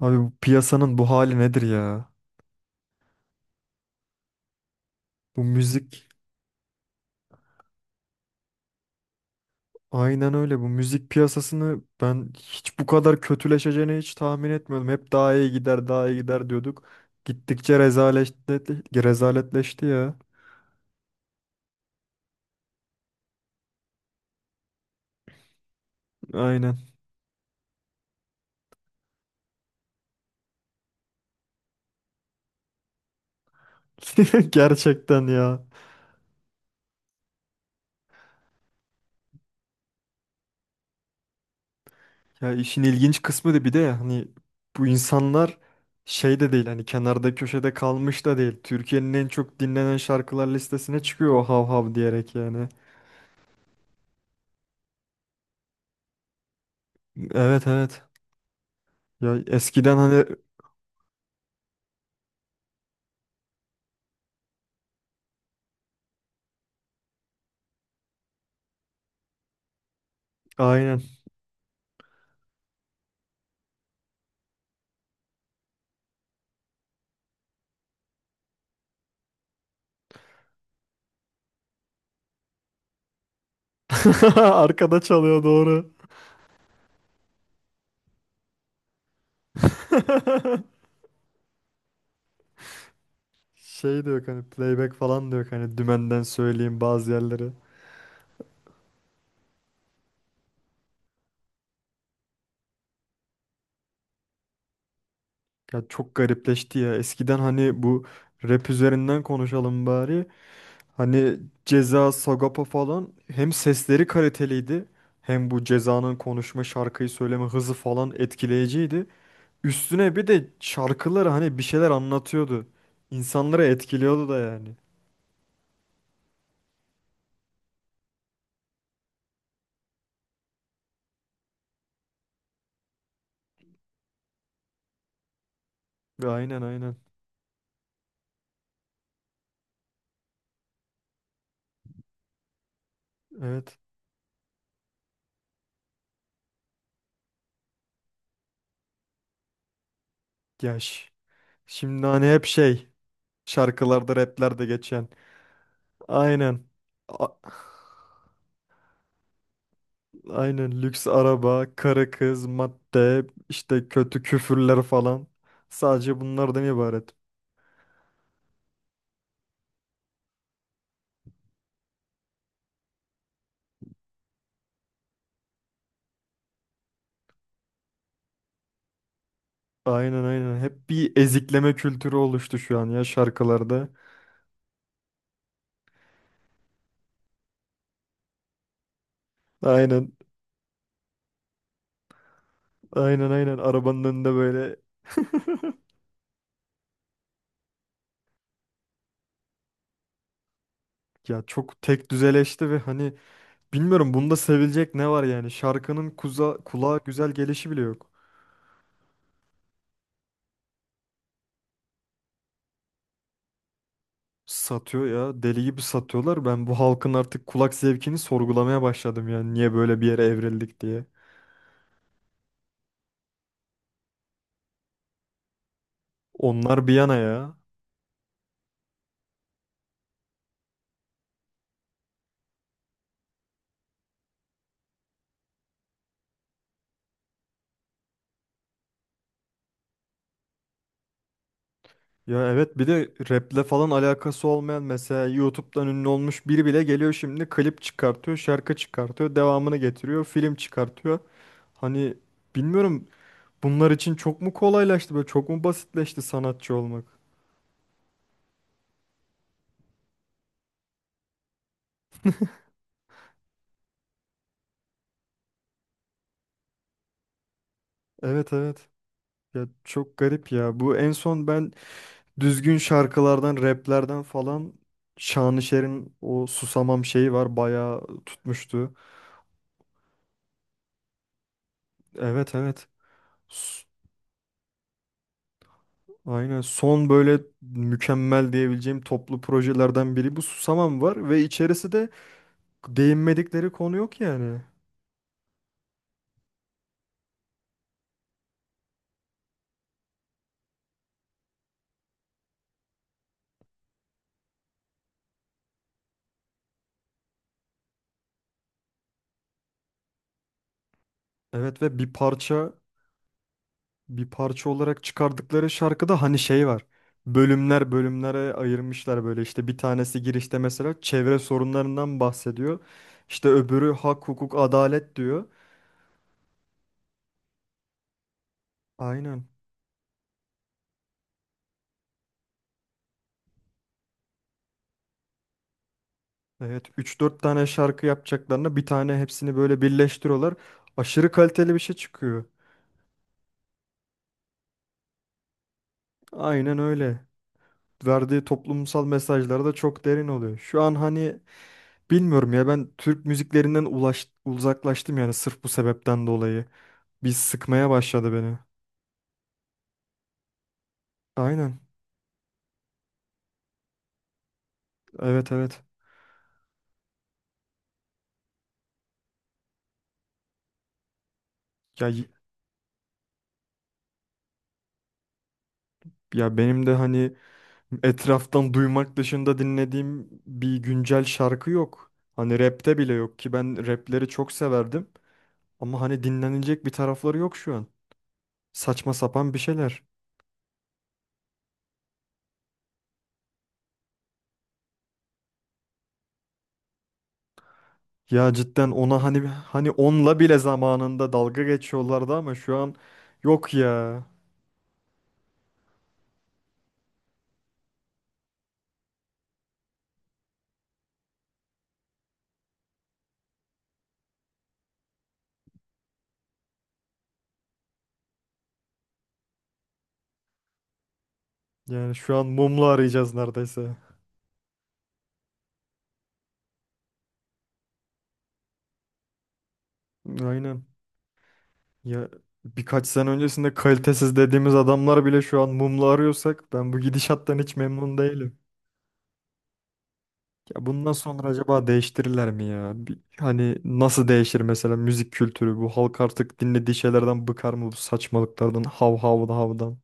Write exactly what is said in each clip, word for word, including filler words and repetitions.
Abi bu piyasanın bu hali nedir ya? Bu müzik aynen öyle. Bu müzik piyasasını ben hiç bu kadar kötüleşeceğini hiç tahmin etmiyordum. Hep daha iyi gider, daha iyi gider diyorduk. Gittikçe rezaleşti, rezaletleşti ya. Aynen. Gerçekten ya. Ya işin ilginç kısmı da bir de ya, hani bu insanlar şey de değil hani kenarda köşede kalmış da değil. Türkiye'nin en çok dinlenen şarkılar listesine çıkıyor o hav hav diyerek yani. Evet evet. Ya eskiden hani aynen. Arkada çalıyor doğru. Şey diyor hani playback falan diyor hani dümenden söyleyeyim bazı yerleri. Ya çok garipleşti ya. Eskiden hani bu rap üzerinden konuşalım bari. Hani Ceza, Sagopa falan hem sesleri kaliteliydi hem bu Ceza'nın konuşma, şarkıyı söyleme hızı falan etkileyiciydi. Üstüne bir de şarkıları hani bir şeyler anlatıyordu. İnsanları etkiliyordu da yani. Aynen aynen. Evet. Yaş. Şimdi hani hep şey şarkılarda raplerde geçen. Aynen. A- aynen lüks araba, karı kız, madde, işte kötü küfürler falan. Sadece bunlardan ibaret. Aynen aynen. Hep bir ezikleme kültürü oluştu şu an ya şarkılarda. Aynen. Aynen aynen. Arabanın önünde böyle ya çok tek düzeleşti ve hani bilmiyorum bunda sevilecek ne var yani. Şarkının kuza, kulağa güzel gelişi bile yok. Satıyor ya. Deli gibi satıyorlar. Ben bu halkın artık kulak zevkini sorgulamaya başladım yani. Niye böyle bir yere evrildik diye. Onlar bir yana ya. Ya evet bir de raple falan alakası olmayan mesela YouTube'dan ünlü olmuş biri bile geliyor şimdi klip çıkartıyor, şarkı çıkartıyor, devamını getiriyor, film çıkartıyor. Hani bilmiyorum bunlar için çok mu kolaylaştı böyle çok mu basitleşti sanatçı olmak? Evet evet. Ya çok garip ya. Bu en son ben düzgün şarkılardan, raplerden falan Şanışer'in o Susamam şeyi var. Bayağı tutmuştu. Evet evet. S- aynen son böyle mükemmel diyebileceğim toplu projelerden biri bu Susamam var ve içerisi de değinmedikleri konu yok yani. Evet ve bir parça bir parça olarak çıkardıkları şarkıda hani şey var. Bölümler bölümlere ayırmışlar böyle işte bir tanesi girişte mesela çevre sorunlarından bahsediyor. İşte öbürü hak hukuk adalet diyor. Aynen. Evet üç dört tane şarkı yapacaklarına bir tane hepsini böyle birleştiriyorlar. Aşırı kaliteli bir şey çıkıyor. Aynen öyle. Verdiği toplumsal mesajları da çok derin oluyor. Şu an hani bilmiyorum ya ben Türk müziklerinden ulaş, uzaklaştım yani sırf bu sebepten dolayı. Bir sıkmaya başladı beni. Aynen. Evet evet. Ya y- ya benim de hani etraftan duymak dışında dinlediğim bir güncel şarkı yok. Hani rapte bile yok ki ben rapleri çok severdim. Ama hani dinlenilecek bir tarafları yok şu an. Saçma sapan bir şeyler. Ya cidden ona hani hani onunla bile zamanında dalga geçiyorlardı ama şu an yok ya. Yani şu an mumla arayacağız neredeyse. Aynen. Ya birkaç sene öncesinde kalitesiz dediğimiz adamlar bile şu an mumla arıyorsak ben bu gidişattan hiç memnun değilim. Ya bundan sonra acaba değiştirirler mi ya? Bir- hani nasıl değişir mesela müzik kültürü? Bu halk artık dinlediği şeylerden bıkar mı bu saçmalıklardan, hav havdan havdan?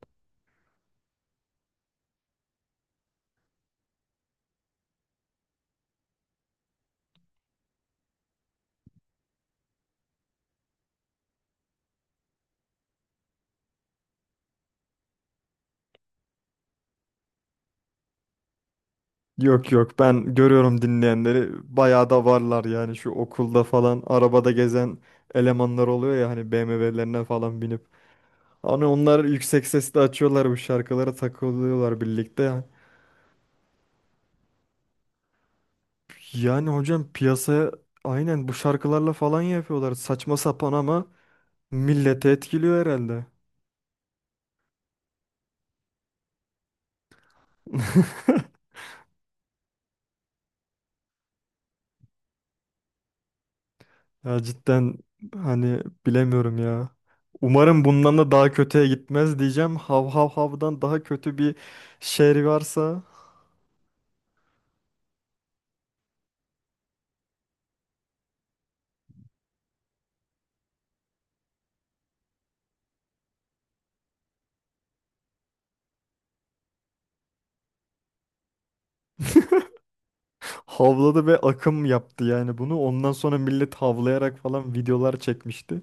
Yok yok ben görüyorum dinleyenleri bayağı da varlar yani şu okulda falan arabada gezen elemanlar oluyor ya hani B M W'lerine falan binip. Hani onlar yüksek sesle açıyorlar bu şarkılara takılıyorlar birlikte. Yani hocam piyasaya aynen bu şarkılarla falan yapıyorlar saçma sapan ama milleti etkiliyor herhalde. Ya cidden hani bilemiyorum ya. Umarım bundan da daha kötüye gitmez diyeceğim. Hav hav havdan daha kötü bir şey varsa havladı ve akım yaptı yani bunu. Ondan sonra millet havlayarak falan videolar çekmişti.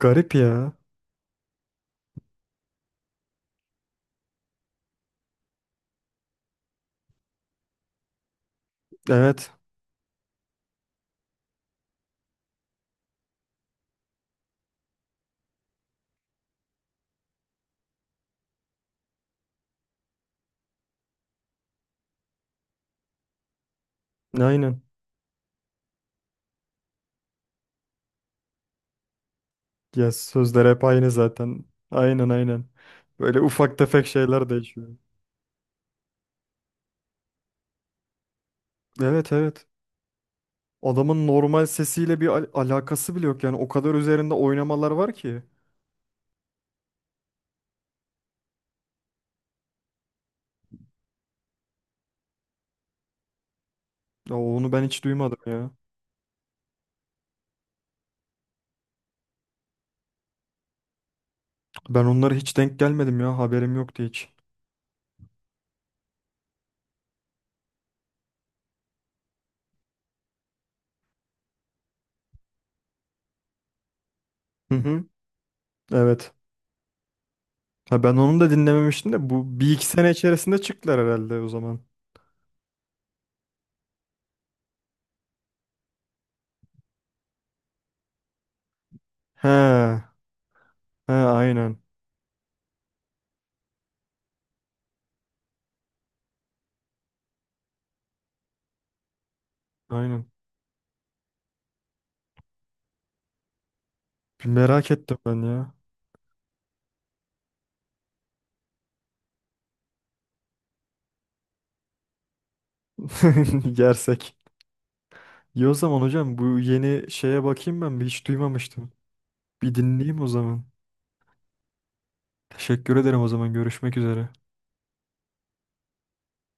Garip ya. Evet. Aynen. Ya sözler hep aynı zaten. Aynen aynen. Böyle ufak tefek şeyler değişiyor. Evet evet. Adamın normal sesiyle bir al- alakası bile yok yani. O kadar üzerinde oynamalar var ki. Ya onu ben hiç duymadım ya. Ben onlara hiç denk gelmedim ya. Haberim yoktu hiç. Hı hı. Evet. Ha ben onu da dinlememiştim de bu bir iki sene içerisinde çıktılar herhalde o zaman. He. He aynen. Aynen. Bir merak ettim ben ya. Yersek. İyi o zaman hocam bu yeni şeye bakayım ben bir hiç duymamıştım. Bir dinleyeyim o zaman. Teşekkür ederim o zaman görüşmek üzere.